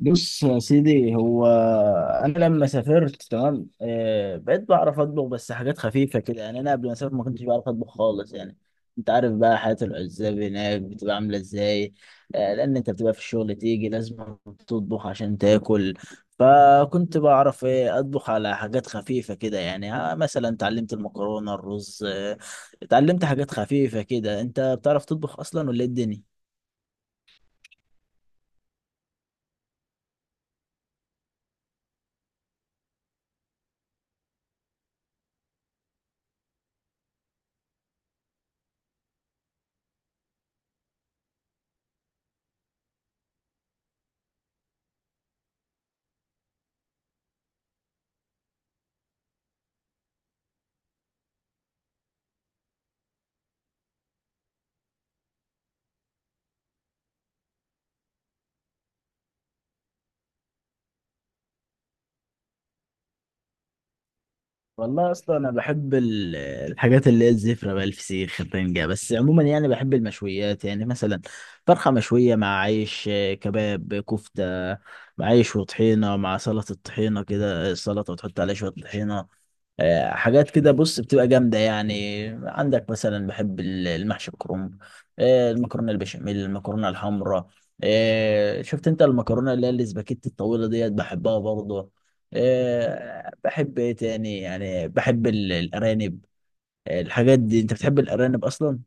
بص يا سيدي هو انا لما سافرت تمام، بقيت بعرف اطبخ بس حاجات خفيفه كده يعني. انا قبل ما اسافر ما كنتش بعرف اطبخ خالص يعني. انت عارف بقى حياه العزاب هناك بتبقى عامله ازاي؟ لان انت بتبقى في الشغل تيجي لازم تطبخ عشان تاكل. فكنت بعرف ايه اطبخ على حاجات خفيفه كده يعني. مثلا اتعلمت المكرونه، الرز. اتعلمت حاجات خفيفه كده. انت بتعرف تطبخ اصلا ولا إيه الدنيا؟ والله اصلا انا بحب الحاجات اللي هي الزفره بقى، الفسيخ، الرنجه، بس عموما يعني بحب المشويات، يعني مثلا فرخه مشويه مع عيش، كباب، كفته مع عيش وطحينه، مع سلطه، الطحينه كده، السلطه وتحط عليها شويه طحينه. حاجات كده بص بتبقى جامده يعني. عندك مثلا بحب المحشي الكرنب، المكرونه البشاميل، المكرونه الحمراء. شفت انت المكرونه اللي هي الاسباجيتي الطويله ديت، بحبها برضه. بحب ايه تاني؟ يعني بحب الارانب، الحاجات دي. انت بتحب الارانب اصلا؟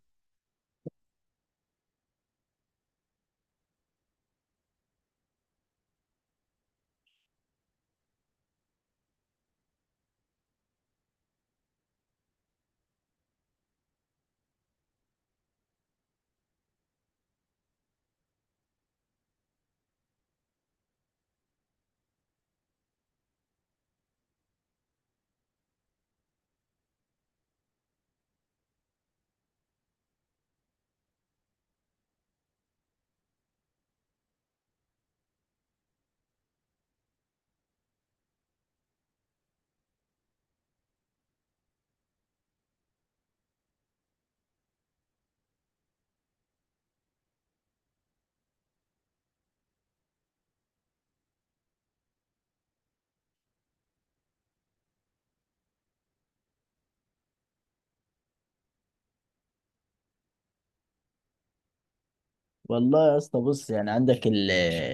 والله يا اسطى، بص يعني عندك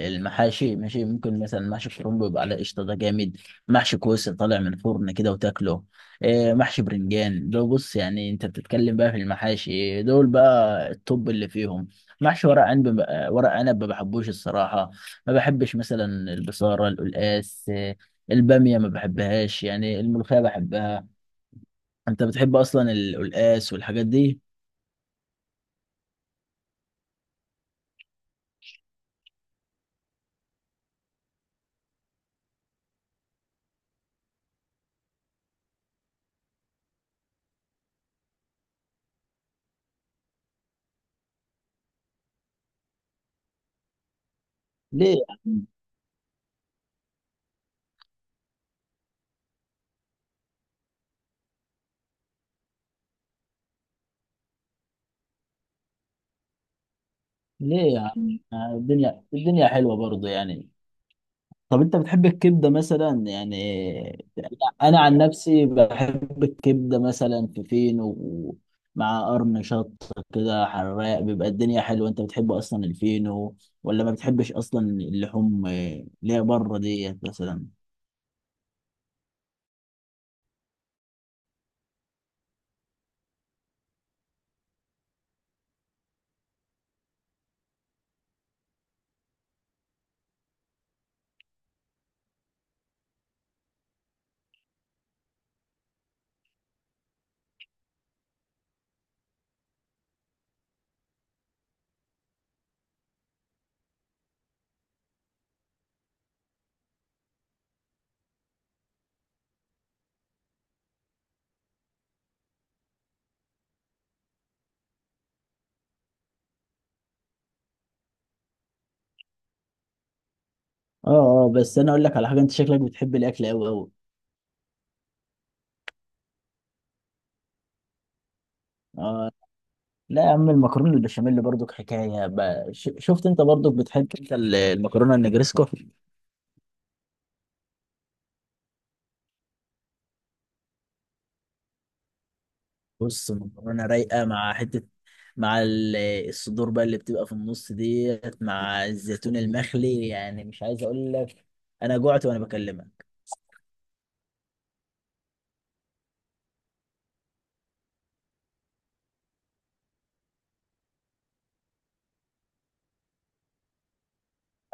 المحاشي ماشي، ممكن مثلا محشي كرنب يبقى على قشطه، ده جامد. محشي كوسه طالع من الفرن كده وتاكله، محشي برنجان، ده بص يعني انت بتتكلم بقى في المحاشي دول بقى، الطب اللي فيهم. محشي ورق عنب، ورق عنب ما بحبوش الصراحه. ما بحبش مثلا البصاره، القلقاس، الباميه ما بحبهاش يعني. الملوخيه بحبها. انت بتحب اصلا القلقاس والحاجات دي؟ ليه يا عم ليه يا عم؟ الدنيا الدنيا حلوه برضه يعني. طب انت بتحب الكبده مثلا يعني؟ انا عن نفسي بحب الكبده مثلا في فينو مع قرن شط كده حراق، بيبقى الدنيا حلوه. انت بتحب اصلا الفينو ولا ما بتحبش اصلا اللحوم اللي هي بره ديت مثلا؟ اه، اه، بس انا اقول لك على حاجه، انت شكلك بتحب الاكل قوي قوي. لا يا عم، المكرونه البشاميل برضك حكايه بقى. شفت انت برضك بتحب انت المكرونه النجريسكو؟ بص مكرونه رايقه مع حته، مع الصدور بقى اللي بتبقى في النص ديت، مع الزيتون المخلي، يعني مش عايز اقول لك، انا جوعت وانا بكلمك.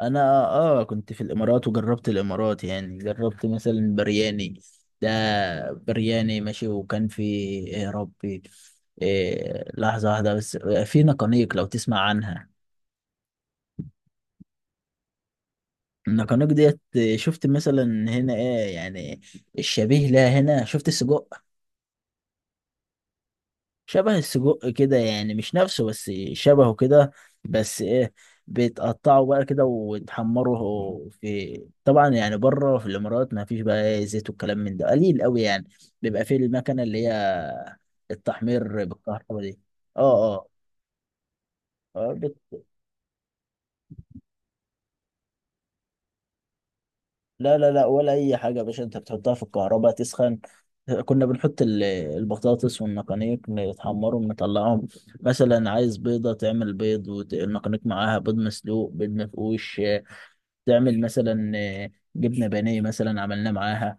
انا اه كنت في الامارات وجربت الامارات، يعني جربت مثلا برياني ده، برياني ماشي، وكان في إيه يا ربي؟ إيه؟ لحظه واحده بس. في نقانيق لو تسمع عنها. النقانق ديت، شفت مثلا هنا ايه يعني الشبيه لها هنا؟ شفت السجق؟ شبه السجق كده يعني، مش نفسه بس شبهه كده. بس ايه، بيتقطعوا بقى كده ويتحمروا، في طبعا يعني بره في الامارات ما فيش بقى إيه، زيت والكلام من ده قليل قوي يعني. بيبقى فيه المكنه اللي هي التحمير بالكهرباء دي. اه، اه، آه، لا، لا، لا ولا اي حاجه يا باشا، انت بتحطها في الكهرباء تسخن. كنا بنحط البطاطس والنقانيق، نتحمرهم نطلعهم. مثلا عايز بيضه، تعمل بيض والنقانيق معاها، بيض مسلوق، بيض مفقوش، تعمل مثلا جبنه بانيه مثلا، عملناه معاها.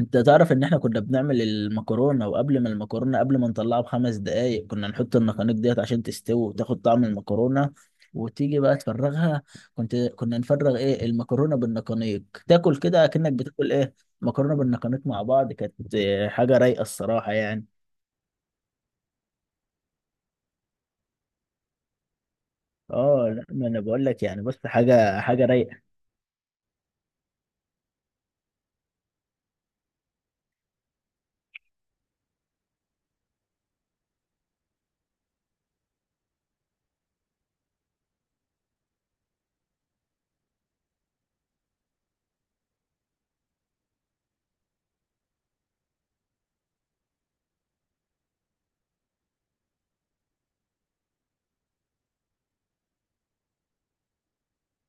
انت تعرف ان احنا كنا بنعمل المكرونه، وقبل ما المكرونه قبل ما نطلعها بـ5 دقائق كنا نحط النقانق ديت عشان تستوي وتاخد طعم المكرونه. وتيجي بقى تفرغها، كنا نفرغ ايه المكرونه بالنقانيق. تاكل كده اكنك بتاكل ايه؟ مكرونه بالنقانيق مع بعض، كانت حاجه رايقه الصراحه يعني. اه، لا، ما انا بقول لك يعني، بص، حاجه حاجه رايقه.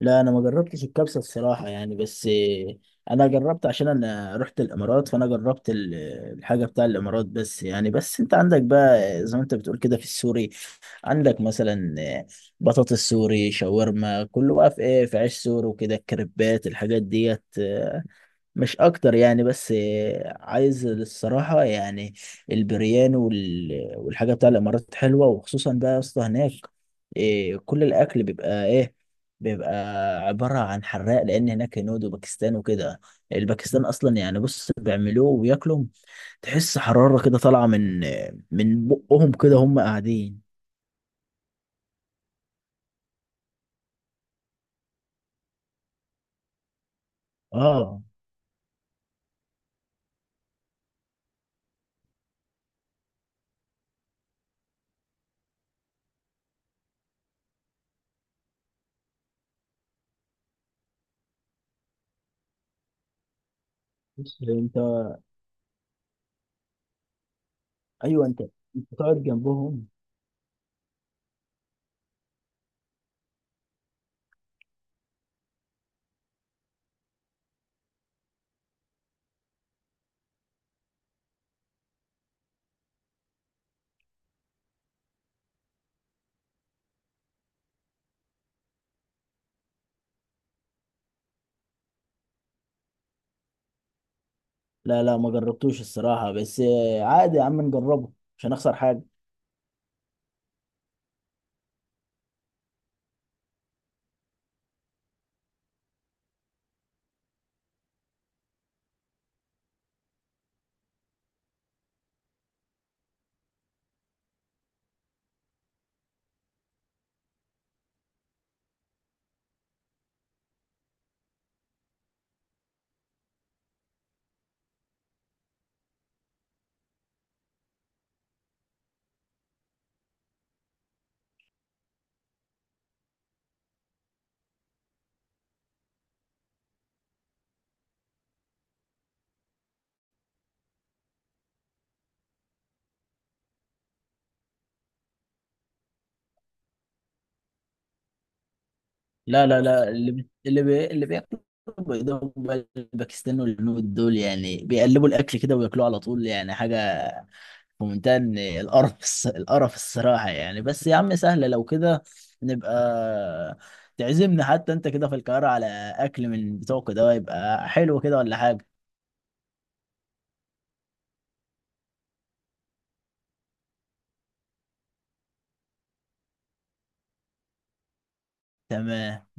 لا انا ما جربتش الكبسه الصراحه يعني، بس انا جربت عشان انا رحت الامارات، فانا جربت الحاجه بتاع الامارات بس يعني. بس انت عندك بقى زي ما انت بتقول كده في السوري، عندك مثلا بطاطس سوري، شاورما، كله بقى في ايه، في عيش سوري وكده، الكريبات، الحاجات ديت، مش اكتر يعني. بس عايز الصراحه يعني البريان والحاجه بتاع الامارات حلوه، وخصوصا بقى يا اسطى هناك. كل الاكل بيبقى ايه، بيبقى عباره عن حراق، لان هناك هنود وباكستان وكده. الباكستان اصلا يعني، بص، بيعملوه وياكلوا، تحس حراره كده طالعه من بقهم كده هم قاعدين. اه، بص انت، ايوه انت تقعد جنبهم. لا، لا، ما جربتوش الصراحه، بس عادي يا عم نجربه، مش هنخسر حاجه. لا، لا، لا، اللي بياكلوا بيضاء بقى، الباكستان والهنود دول يعني بيقلبوا الاكل كده وياكلوه على طول يعني، حاجه في منتهى إن القرف الصراحه يعني. بس يا عم سهله، لو كده نبقى تعزمنا حتى انت كده في القاهره على اكل من بتوعك ده، يبقى حلو كده ولا حاجه. تمام.